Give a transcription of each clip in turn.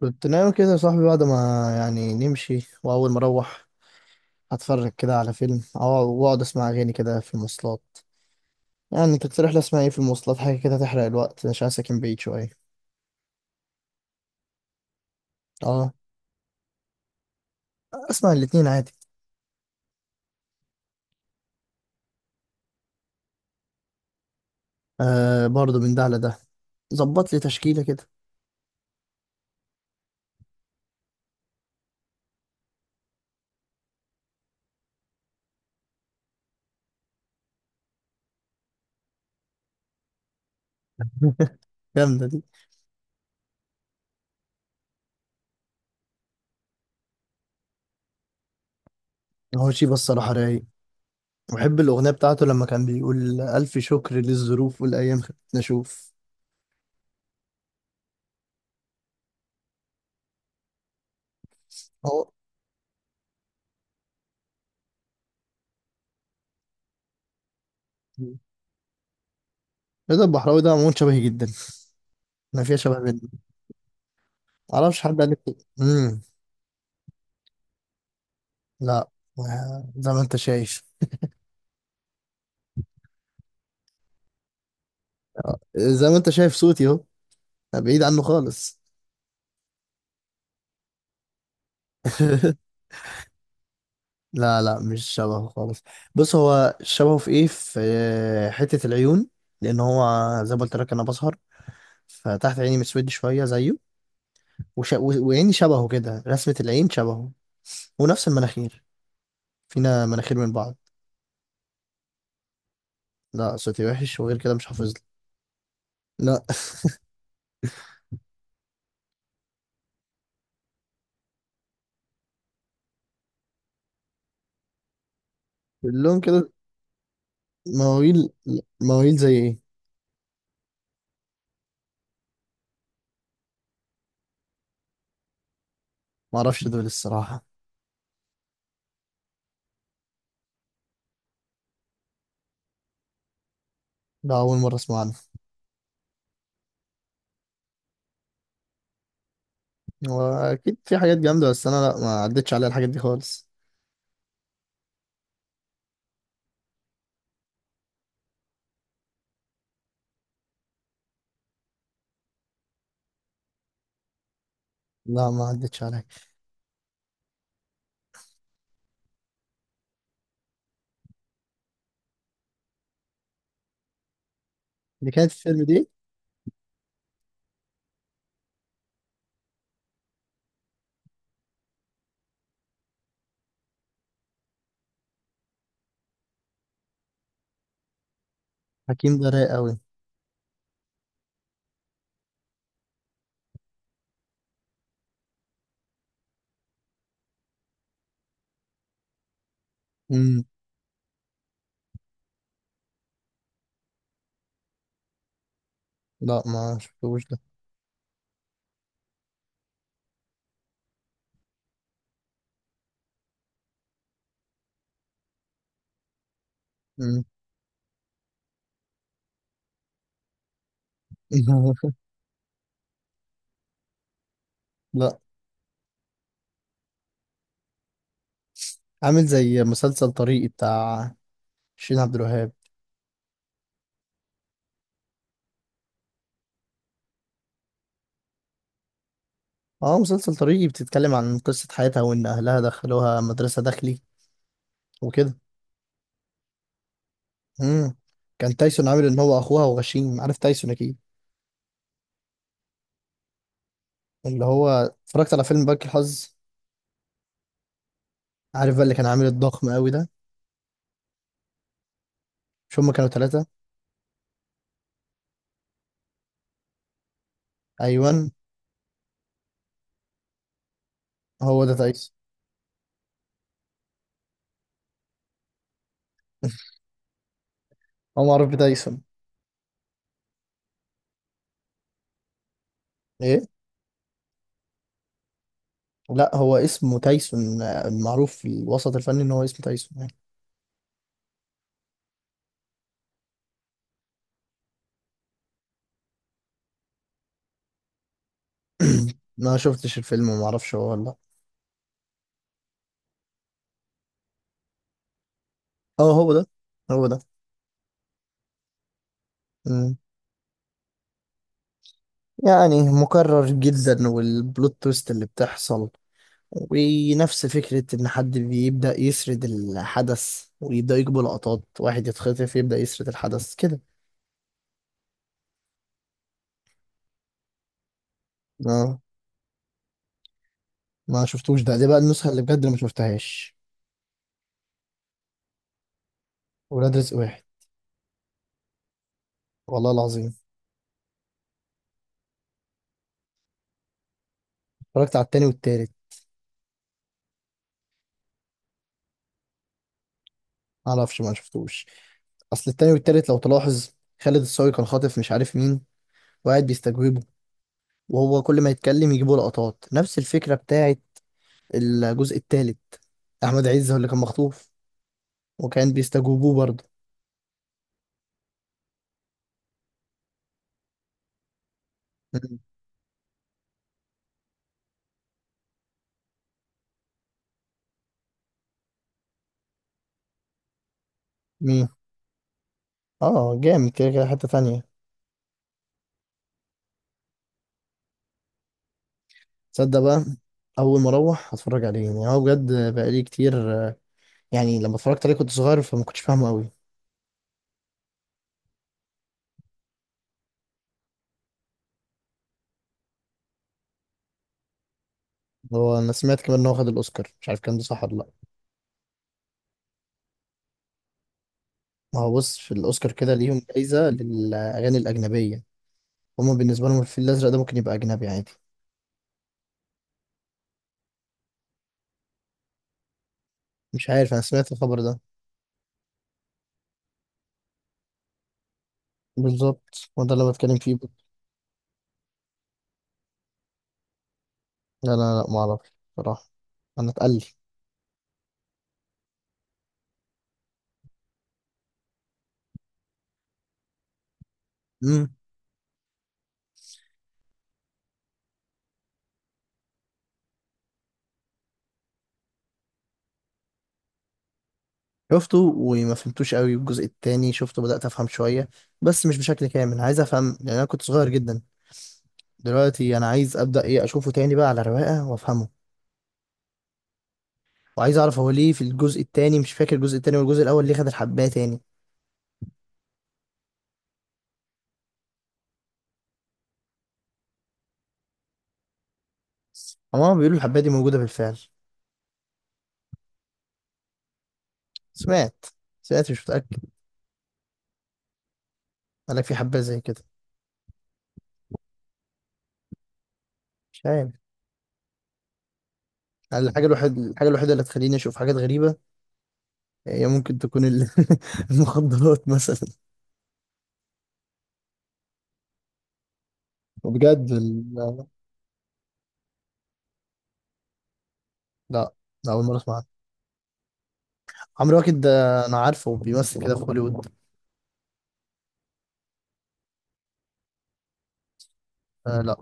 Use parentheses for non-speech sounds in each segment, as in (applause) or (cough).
كنت نايم كده يا صاحبي بعد ما يعني نمشي، وأول ما أروح هتفرج كده على فيلم، أو وأقعد أسمع أغاني كده في المواصلات. يعني تقترح لي أسمع إيه في المواصلات؟ حاجة كده تحرق الوقت عشان أنا ساكن بعيد شوية. أه. أسمع الاتنين عادي. أه، برضه من ده على ده. ظبط لي تشكيلة كده. (laughs) جامدة دي. هو شيبة الصراحة رايق. بحب الأغنية بتاعته لما كان بيقول: ألف شكر للظروف والأيام خلتنا أشوف. هو رضا البحراوي ده عموما شبهي جدا، ما فيها شبه بينا. معرفش، حد قال لي كده. لا. آه، زي ما انت شايف زي ما انت شايف صوتي اهو، بعيد عنه خالص. (laughs) لا، لا، مش شبهه خالص. بص، هو شبهه في ايه؟ في حتة العيون. لان هو، زي ما قلت لك، انا بسهر، فتحت عيني مسود شوية زيه. وعيني شبهه كده، رسمة العين شبهه. ونفس المناخير، فينا مناخير من بعض. لا، صوتي وحش، وغير كده مش حافظ لي. لا. (laughs) اللون كده. مواويل. مواويل زي ايه؟ معرفش دول الصراحة. ده أول مرة أسمع عنهم. هو اكيد في حاجات جامده، بس انا لا، ما عدتش عليها الحاجات دي خالص. لا، ما عدتش عليها. اللي كانت في الفيلم دي. حكيم ده رايق قوي. امم. لا، ما شفتوش ده. امم. (laughs) لا. عامل زي مسلسل طريقي بتاع شيرين عبد الوهاب. اه، مسلسل طريقي بتتكلم عن قصه حياتها، وان اهلها دخلوها مدرسه داخلي وكده. امم. كان تايسون عامل ان هو اخوها وغشيم، عارف تايسون اكيد. اللي هو اتفرجت على فيلم بنك الحظ. عارف بقى اللي كان عامل الضخم قوي ده؟ مش هما كانوا ثلاثه؟ ايوه، هو ده تايسون. (laughs) هو معروف بتايسون. ايه. لا، هو اسمه تايسون. معروف في الوسط الفني ان هو اسمه تايسون يعني. (clears throat) ما شفتش الفيلم وما اعرفش هو ولا. اه، هو ده، هو ده. مم. يعني مكرر جدا، والبلوت تويست اللي بتحصل ونفس فكرة ان حد بيبدأ يسرد الحدث، ويبدأ يجيب لقطات، واحد يتخطف يبدأ يسرد الحدث كده. اه. ما شفتوش ده، دي بقى النسخة اللي بجد ما شفتهاش. ولاد رزق واحد. والله العظيم. اتفرجت على التاني والتالت. معرفش، ما شفتوش. اصل التاني والتالت لو تلاحظ، خالد الصاوي كان خاطف مش عارف مين، وقاعد بيستجوبه، وهو كل ما يتكلم يجيبوا لقطات نفس الفكرة بتاعت الجزء التالت. احمد عز هو اللي كان مخطوف، وكان بيستجوبوه برضه. مم. مين؟ اه، جامد كده كده، حتة تانية. تصدق بقى؟ اول ما اروح هتفرج عليه، يعني هو بجد بقالي كتير. يعني لما اتفرجت عليه كنت صغير، فما كنتش فاهمه قوي. هو انا سمعت كمان ان هو خد الاوسكار، مش عارف كان ده صح ولا لا. ما هو بص، في الأوسكار كده ليهم جايزة للأغاني الأجنبية، هما بالنسبة لهم الفيل الأزرق ده ممكن يبقى أجنبي عادي. مش عارف، أنا سمعت الخبر ده. بالظبط، هو ده اللي بتكلم فيه. لا، لا. لا معرفش، بصراحة. أنا اتقل. امم. شفته وما فهمتوش قوي. الجزء التاني شفته، بدأت أفهم شوية، بس مش بشكل كامل. عايز أفهم لأن أنا كنت صغير جدا. دلوقتي أنا عايز أبدأ إيه، أشوفه تاني بقى على رواقة وأفهمه. وعايز أعرف هو ليه في الجزء التاني، مش فاكر، الجزء التاني والجزء الأول ليه خد الحباية تاني. هما بيقولوا الحباية دي موجودة بالفعل. سمعت سمعت، مش متأكد. قال لك في حبة زي كده. مش عارف. قال الحاجة الوحيدة، اللي تخليني أشوف حاجات غريبة، هي ممكن تكون (laughs) المخدرات مثلا. وبجد لا. لا، لا، أول مرة أسمع عنه. عمرو واكد ده أنا عارفه بيمثل كده في هوليوود. آه لا.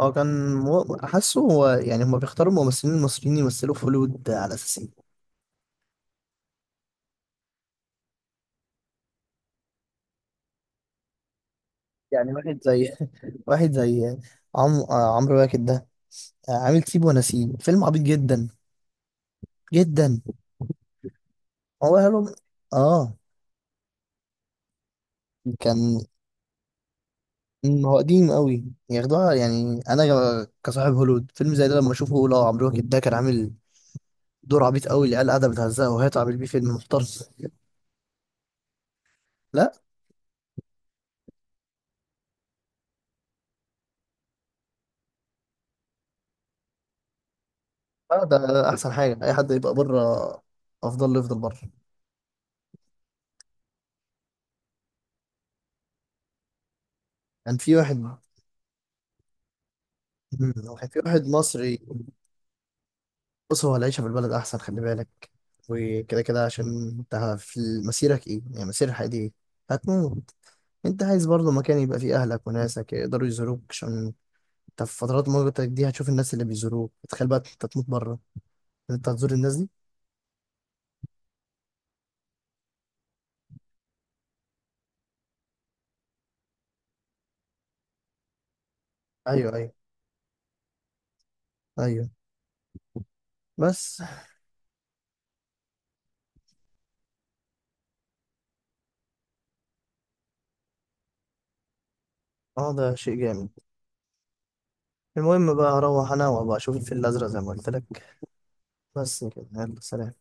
هو كان حاسه، هو يعني هما بيختاروا الممثلين المصريين يمثلوا في هوليوود على أساس إيه؟ يعني واحد زي (laughs) واحد زي عم... آه، عمرو واكد ده، عامل سيب ونسيب، فيلم عبيط جدا جدا. هو قالوا، اه، كان هو قديم قوي، ياخدوها يعني. انا كصاحب هوليوود، فيلم زي ده لما اشوفه اقول: اه عمرو واكد ده كان عامل دور عبيط قوي، العيال قاعده بتهزقه، وهي عامل بيه فيلم محترم. لا. آه، ده احسن حاجه، اي حد يبقى بره، افضل له يفضل بره. كان في واحد مم، كان في واحد مصري. بص هو العيشه في البلد احسن، خلي بالك. وكده كده، عشان انت في مسيرك ايه يعني؟ مسير الحياه دي ايه؟ هتموت. انت عايز برضه مكان يبقى فيه اهلك وناسك يقدروا يزوروك، عشان طب في فترات مغلقتك دي هتشوف الناس اللي بيزوروك، تخيل بقى انت تموت بره، ان انت هتزور الناس دي. ايوه، ايوه. ايوه. بس. اه، ده شيء جامد. المهم بقى اروح انا وابقى اشوف الفيل الازرق زي ما قلت لك. بس كده، يلا سلام.